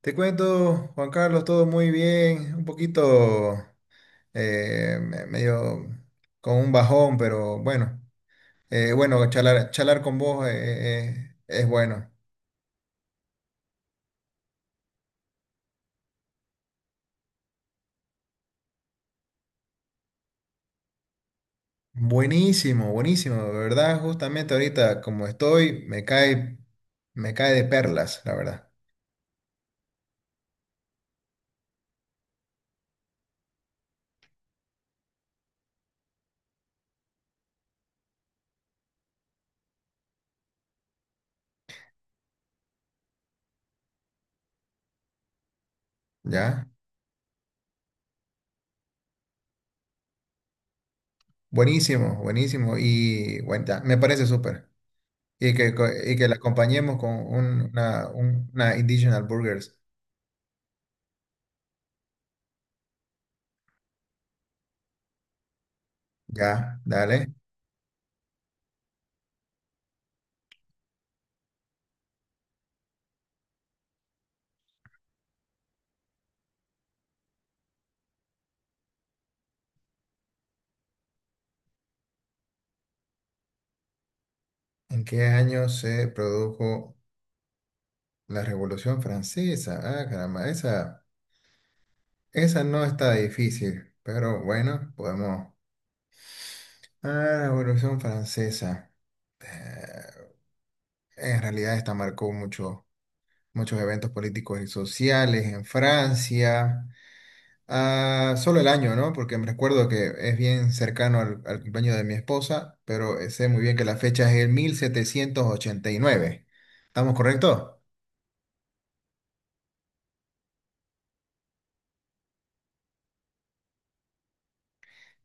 Te cuento, Juan Carlos, todo muy bien, un poquito medio con un bajón, pero bueno, charlar con vos, es bueno. Buenísimo, buenísimo, de verdad, justamente ahorita como estoy, me cae de perlas, la verdad, ¿ya? Buenísimo, buenísimo, y bueno, ya, me parece súper. Y que la acompañemos con una Indigenous Burgers, ¿ya? Dale. ¿En qué año se produjo la Revolución Francesa? Ah, caramba, esa no está difícil, pero bueno, podemos. Ah, Revolución Francesa. Eh, en realidad esta muchos eventos políticos y sociales en Francia. Ah, solo el año, ¿no? Porque me recuerdo que es bien cercano al cumpleaños de mi esposa, pero sé muy bien que la fecha es el 1789. ¿Estamos correctos?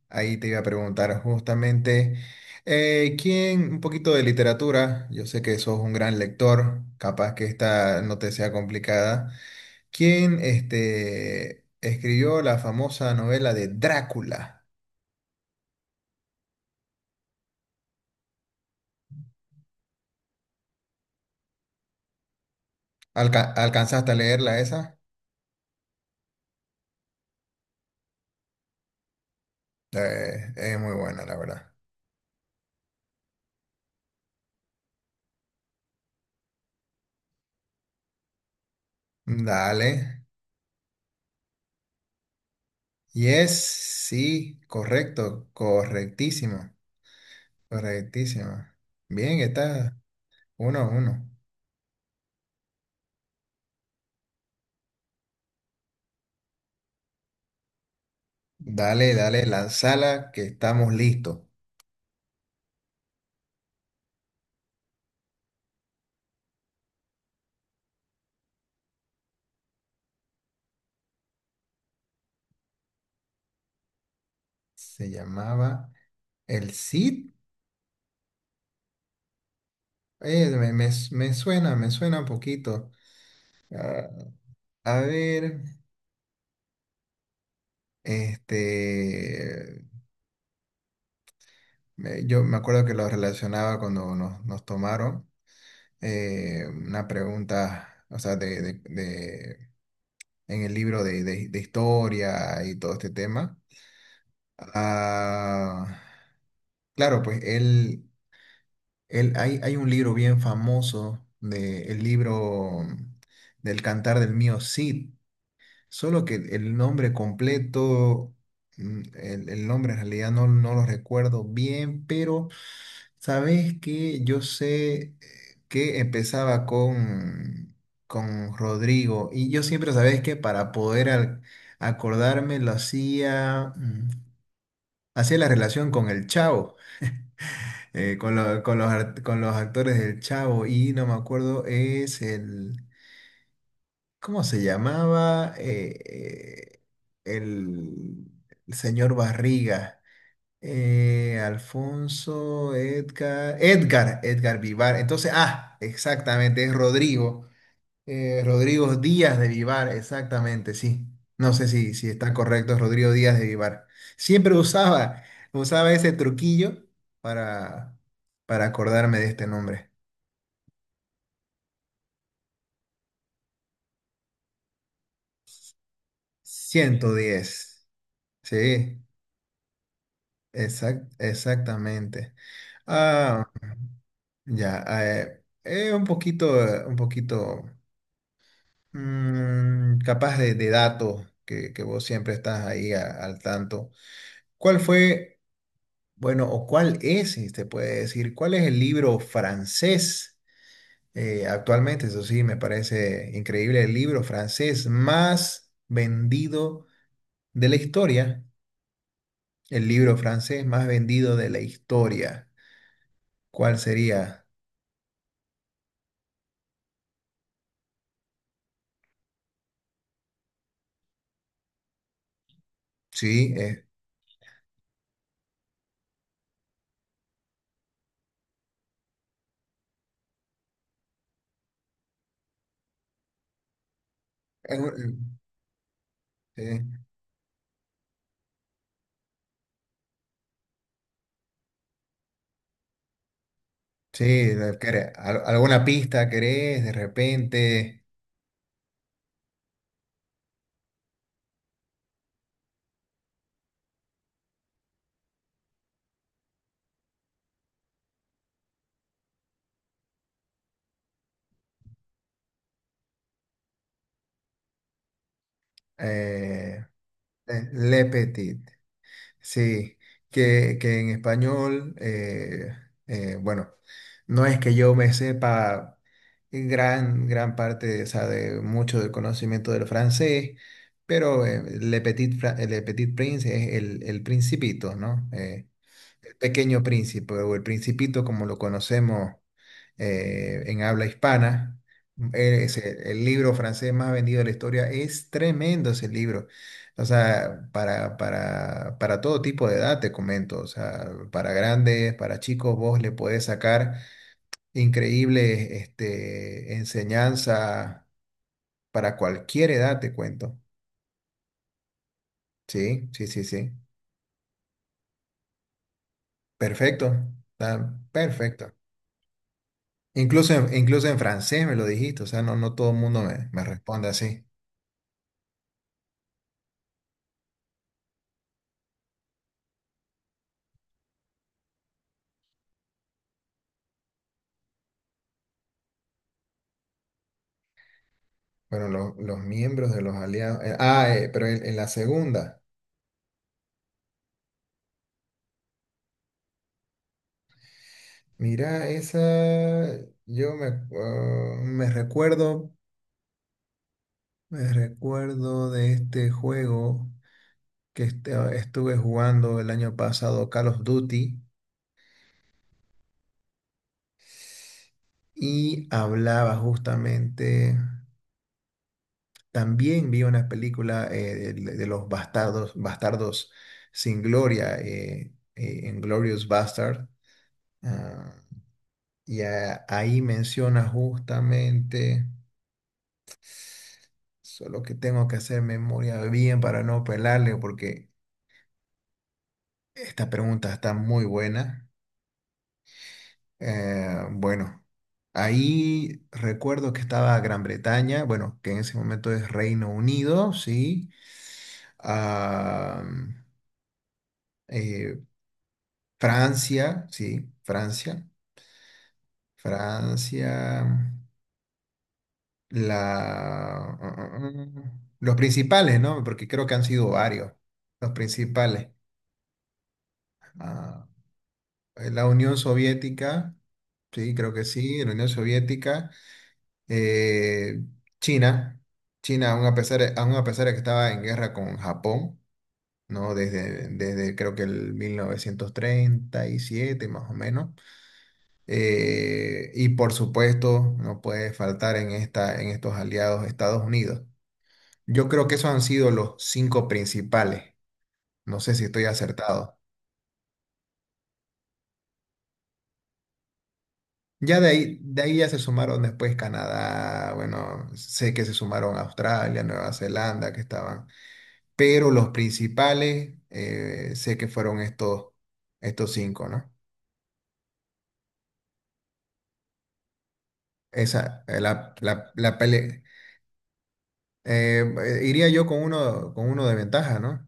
Ahí te iba a preguntar justamente, ¿quién, un poquito de literatura, yo sé que sos un gran lector, capaz que esta no te sea complicada, ¿quién este, escribió la famosa novela de Drácula? ¿Alcanzaste a leerla esa? Es muy buena, la verdad. Dale. Yes, sí, correcto, correctísimo, correctísimo. Bien, está 1-1. Dale, dale, lanzala, que estamos listos. Se llamaba El Cid. Me suena, me suena un poquito. Ah, a ver, este, yo me acuerdo que lo relacionaba cuando nos tomaron una pregunta, o sea, en el libro de historia y todo este tema. Ah, claro, pues él. Hay, hay un libro bien famoso, de, el libro del Cantar del Mío Cid, solo que el nombre completo, mm, el nombre en realidad no, no lo recuerdo bien, pero sabes que yo sé que empezaba con Rodrigo, y yo siempre sabes que para poder acordarme lo hacía, mm, hacía la relación con el Chavo con los, con los actores del Chavo y no me acuerdo, es el, ¿cómo se llamaba? El, el señor Barriga, Edgar Vivar. Entonces, ah, exactamente, es Rodrigo. Rodrigo Díaz de Vivar, exactamente, sí. No sé si, si está correcto, Rodrigo Díaz de Vivar. Siempre usaba, usaba ese truquillo para, para acordarme de este nombre. 110, sí, exactamente. Ah, ya. Un poquito, un poquito mm, capaz de datos que vos siempre estás ahí al tanto. ¿Cuál fue? Bueno, ¿o cuál es? Si te puede decir, ¿cuál es el libro francés actualmente? Eso sí, me parece increíble, el libro francés más vendido de la historia. El libro francés más vendido de la historia. ¿Cuál sería? Sí, es un- eh, sí, ¿alguna pista querés? De repente, eh, Le Petit. Sí, que en español, bueno, no es que yo me sepa gran, gran parte, o sea, de mucho del conocimiento del francés, pero Le Petit, Le Petit Prince es el principito, ¿no? Pequeño Príncipe o El Principito como lo conocemos en habla hispana. Es el libro francés más vendido de la historia. Es tremendo ese libro. O sea, para todo tipo de edad, te comento. O sea, para grandes, para chicos, vos le podés sacar increíbles este, enseñanza para cualquier edad, te cuento. Sí, sí, sí, sí. Perfecto. Está perfecto. Incluso en, incluso en francés me lo dijiste, o sea, no, no todo el mundo me, me responde así. Bueno, los miembros de los aliados. Pero en la segunda. Mira, esa. Yo me, ah, me recuerdo. Me recuerdo de este juego que estuve jugando el año pasado, Call of Duty, y hablaba justamente. También vi una película de los bastardos, bastardos sin gloria, Inglourious Bastard. Ah, y ahí menciona justamente, solo que tengo que hacer memoria bien para no pelarle, porque esta pregunta está muy buena. Bueno, ahí recuerdo que estaba Gran Bretaña, bueno, que en ese momento es Reino Unido, ¿sí? Ah, eh, Francia, sí, Francia, Francia, mm, la, mm, mm, mm, los principales, ¿no? Porque creo que han sido varios, los principales. Ah, la Unión Soviética, sí, creo que sí, la Unión Soviética, eh, China, China, aún a pesar, aún a pesar de que estaba en guerra con Japón, ¿no? Desde, desde creo que el 1937 más o menos. Y por supuesto, no puede faltar en esta, en estos aliados Estados Unidos. Yo creo que esos han sido los cinco principales. No sé si estoy acertado. Ya de ahí ya se sumaron después Canadá, bueno, sé que se sumaron Australia, Nueva Zelanda, que estaban. Pero los principales, sé que fueron estos, estos cinco, ¿no? Esa, eh, iría yo con uno de ventaja, ¿no?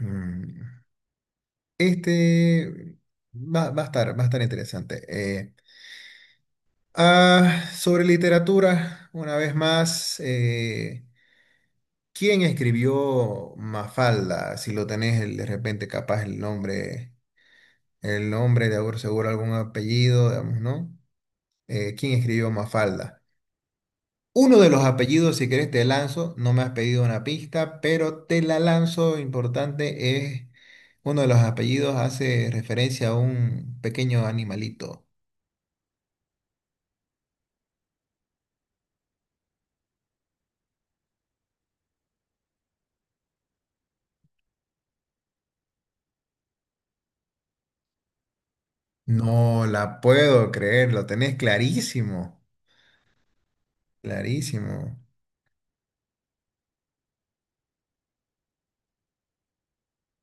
Mm. Este va, va a estar interesante. Sobre literatura, una vez más, ¿quién escribió Mafalda? Si lo tenés de repente capaz el nombre de seguro algún apellido, digamos, ¿no? ¿Quién escribió Mafalda? Uno de los apellidos, si querés, te lanzo. No me has pedido una pista, pero te la lanzo. Importante es, uno de los apellidos hace referencia a un pequeño animalito. No la puedo creer, lo tenés clarísimo, clarísimo.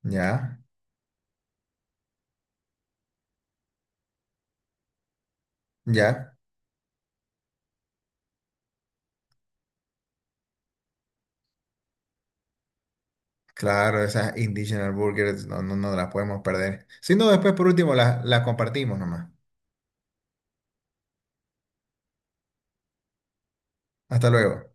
Ya, ya, claro, esas Indigenous Burgers no, no, no las podemos perder. Si no, después por último las compartimos nomás. Hasta luego.